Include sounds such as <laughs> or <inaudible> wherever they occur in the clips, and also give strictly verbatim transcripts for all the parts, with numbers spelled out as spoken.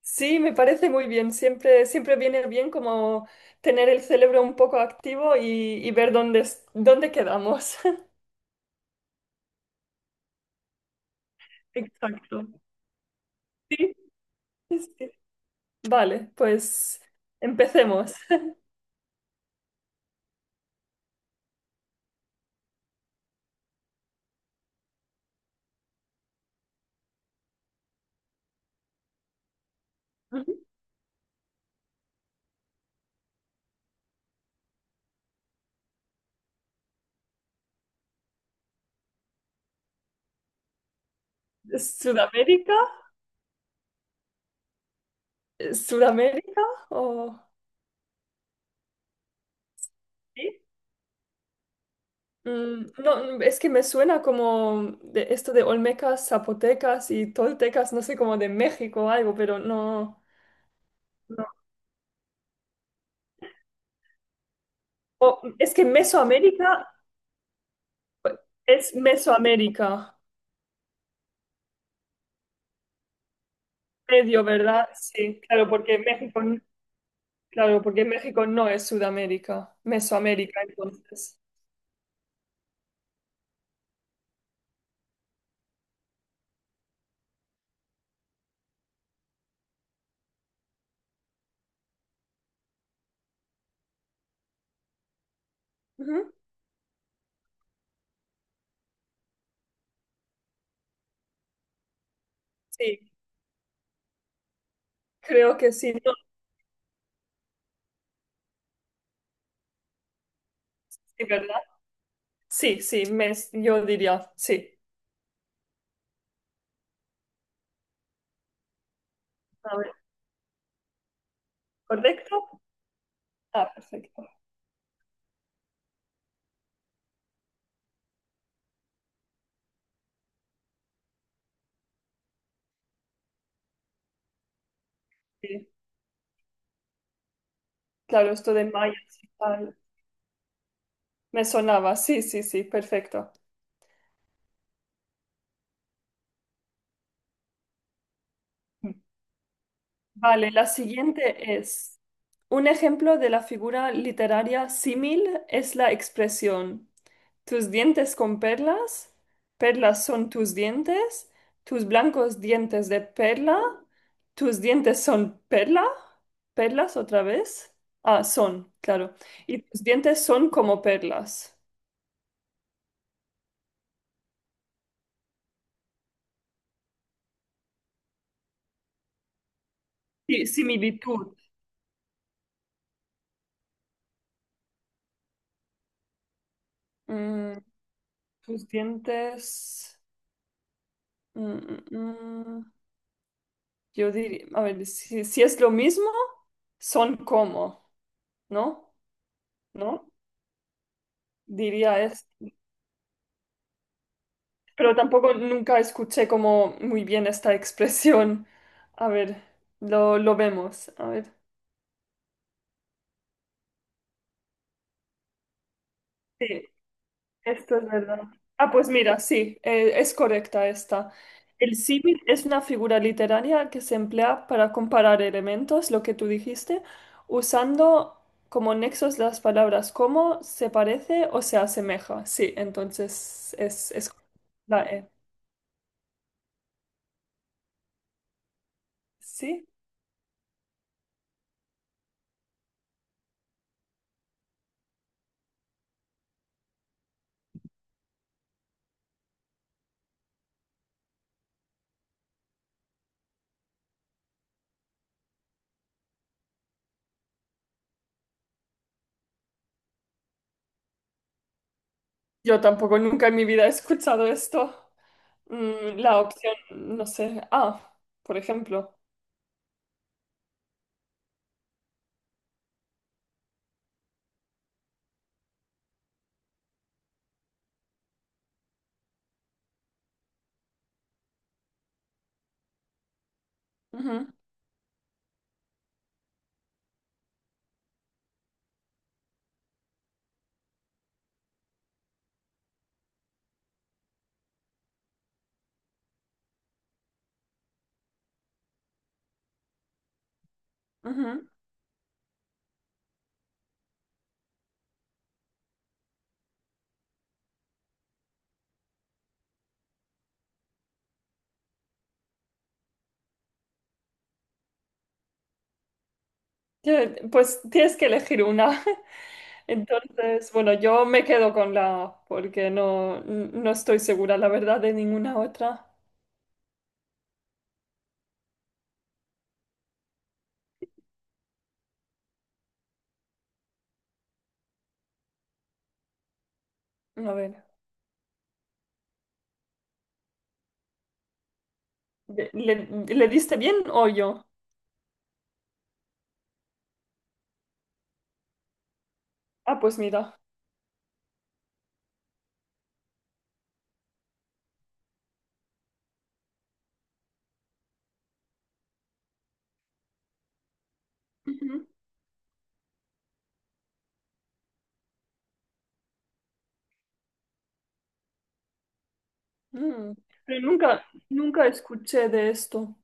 Sí, me parece muy bien. Siempre, siempre viene bien como tener el cerebro un poco activo y, y ver dónde, es- dónde quedamos. <laughs> Exacto. Sí, sí, sí. Vale, pues empecemos. Ujú. ¿Sudamérica? Eh, ¿Sudamérica? ¿O... Sí. Mm, no, es que me suena como de esto de Olmecas, Zapotecas y Toltecas, no sé, como de México o algo, pero no. No. O- es que Mesoamérica es Mesoamérica. Medio, ¿verdad? Sí, claro, porque México, claro, porque México no es Sudamérica, Mesoamérica, entonces. Ujú. Sí, creo que sí, no, sí, ¿verdad? Sí, sí, mes, yo diría, sí. A ver, ¿correcto? Ah, perfecto. Sí. Claro, esto de mayas y tal, me sonaba, sí, sí, sí, perfecto. Vale, la siguiente es, un ejemplo de la figura literaria símil es la expresión, tus dientes con perlas, perlas son tus dientes, tus blancos dientes de perla, tus dientes son perla, perlas otra vez, ah, son, claro, y tus dientes son como perlas. Sí, similitud. Mm, Tus dientes... mm, mm, mm. Yo diría, a ver, si, si es lo mismo, son como, ¿no? ¿No? Diría es. Pero tampoco nunca escuché como muy bien esta <laughs> expresión. A ver, lo, lo vemos. A ver. Sí. Esto es verdad. Ah, pues mira, sí, eh, es correcta esta. El símil es una figura literaria que se emplea para comparar elementos, lo que tú dijiste, usando como nexos las palabras como, se parece o se asemeja. Sí, entonces es, es la E. ¿Sí? Yo tampoco nunca en mi vida he escuchado esto. Mm, la opción, no sé, A, por ejemplo. Ujú, ujú. Que, pues tienes que elegir una. <laughs> Entonces, bueno, yo me quedo con la A porque no, no estoy segura, la verdad, de ninguna otra. A ver, ¿le, le- le diste bien o yo? Ah, pues mira. Ujú. Mm. Pero nunca, nunca escuché de esto.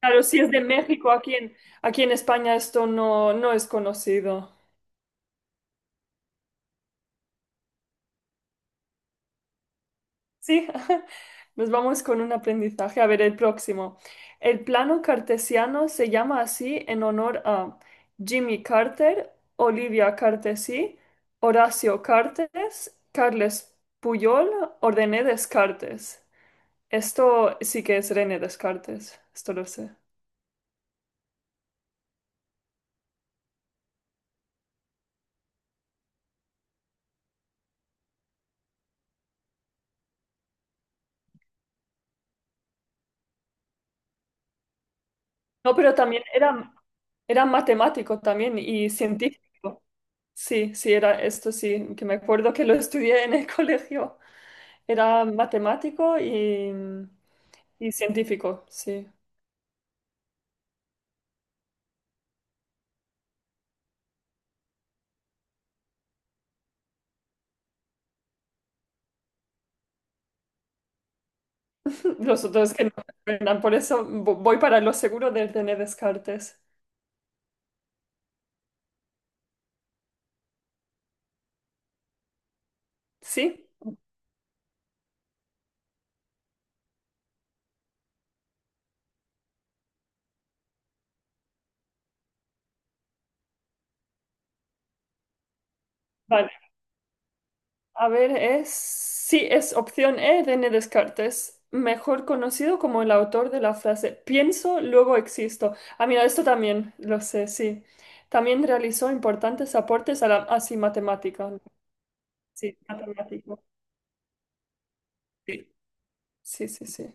Claro, si es de México, aquí en, aquí en España esto no, no es conocido. Sí, <laughs> nos vamos con un aprendizaje. A ver, el próximo. El plano cartesiano se llama así en honor a Jimmy Carter, Olivia Cartesí, Horacio Cartes, Carles Puyol o René Descartes. Esto sí que es René Descartes, esto lo sé. No, pero también era, era matemático también y científico. Sí, sí, era esto sí, que me acuerdo que lo estudié en el <laughs> colegio. Era matemático y, y científico, sí. <laughs> Los otros que no me suenan, por eso vo- voy para lo seguro de tener Descartes. ¿Sí? Vale. A ver, es... Sí, es opción E, René Descartes, mejor conocido como el autor de la frase pienso, luego existo. Ah, mira, esto también lo sé, sí. También realizó importantes aportes a la... Ah, sí, matemática. Sí, matemático. Sí, sí, sí, sí.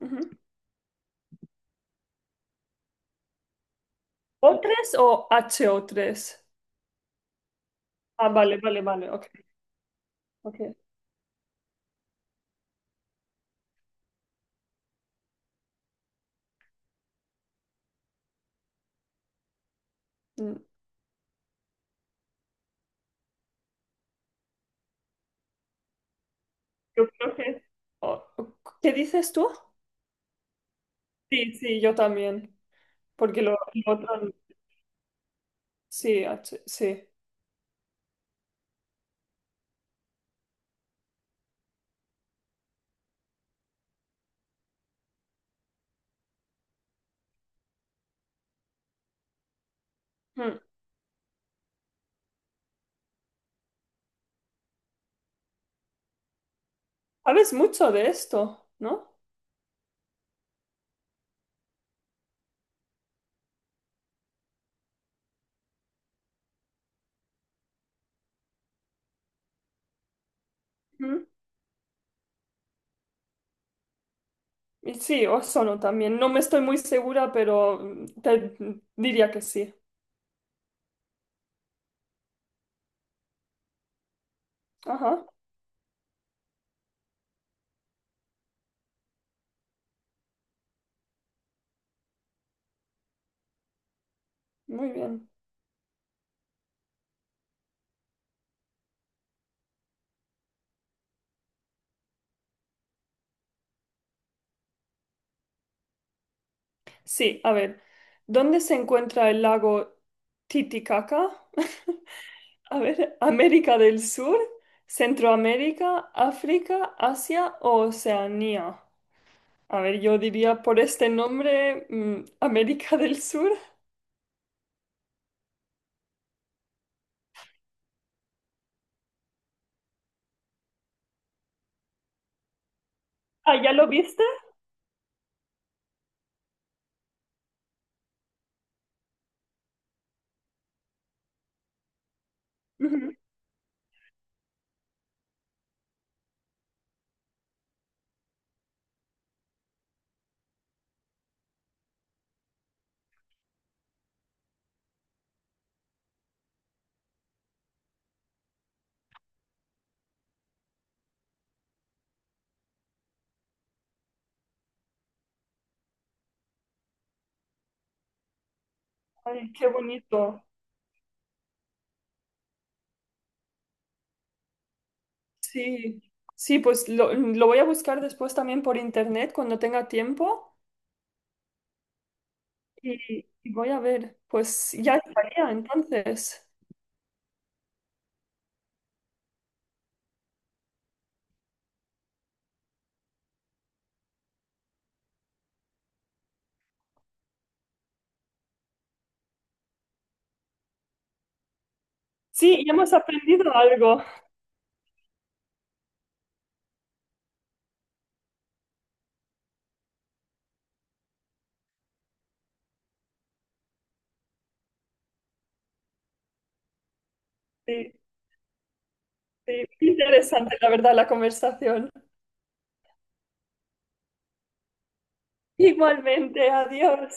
Ujú. ¿O tres o H O tres? Ah, vale, vale, vale, ok, ok. Mm. Yo creo que... o- o- ¿Qué dices tú? Sí, sí, yo también, porque lo, lo otro... Sí, H- sí. Mm. Sabes mucho de esto, ¿no? Mm. Y sí, ozono también. No me estoy muy segura, pero mm, te diría que sí. Ajá, muy bien. Sí, a ver, ¿dónde se encuentra el lago Titicaca? <laughs> A ver, América del Sur, Centroamérica, África, Asia o Oceanía. A ver, yo diría por este nombre, mm, América del Sur. Ah, ¿ya lo viste? Ujú. Ay, qué bonito. Sí, sí, pues lo, lo voy a buscar después también por internet cuando tenga tiempo y, y voy a ver. Pues ya estaría entonces. Sí, ya hemos aprendido algo. Sí, sí, interesante la verdad la conversación. <laughs> Igualmente, adiós.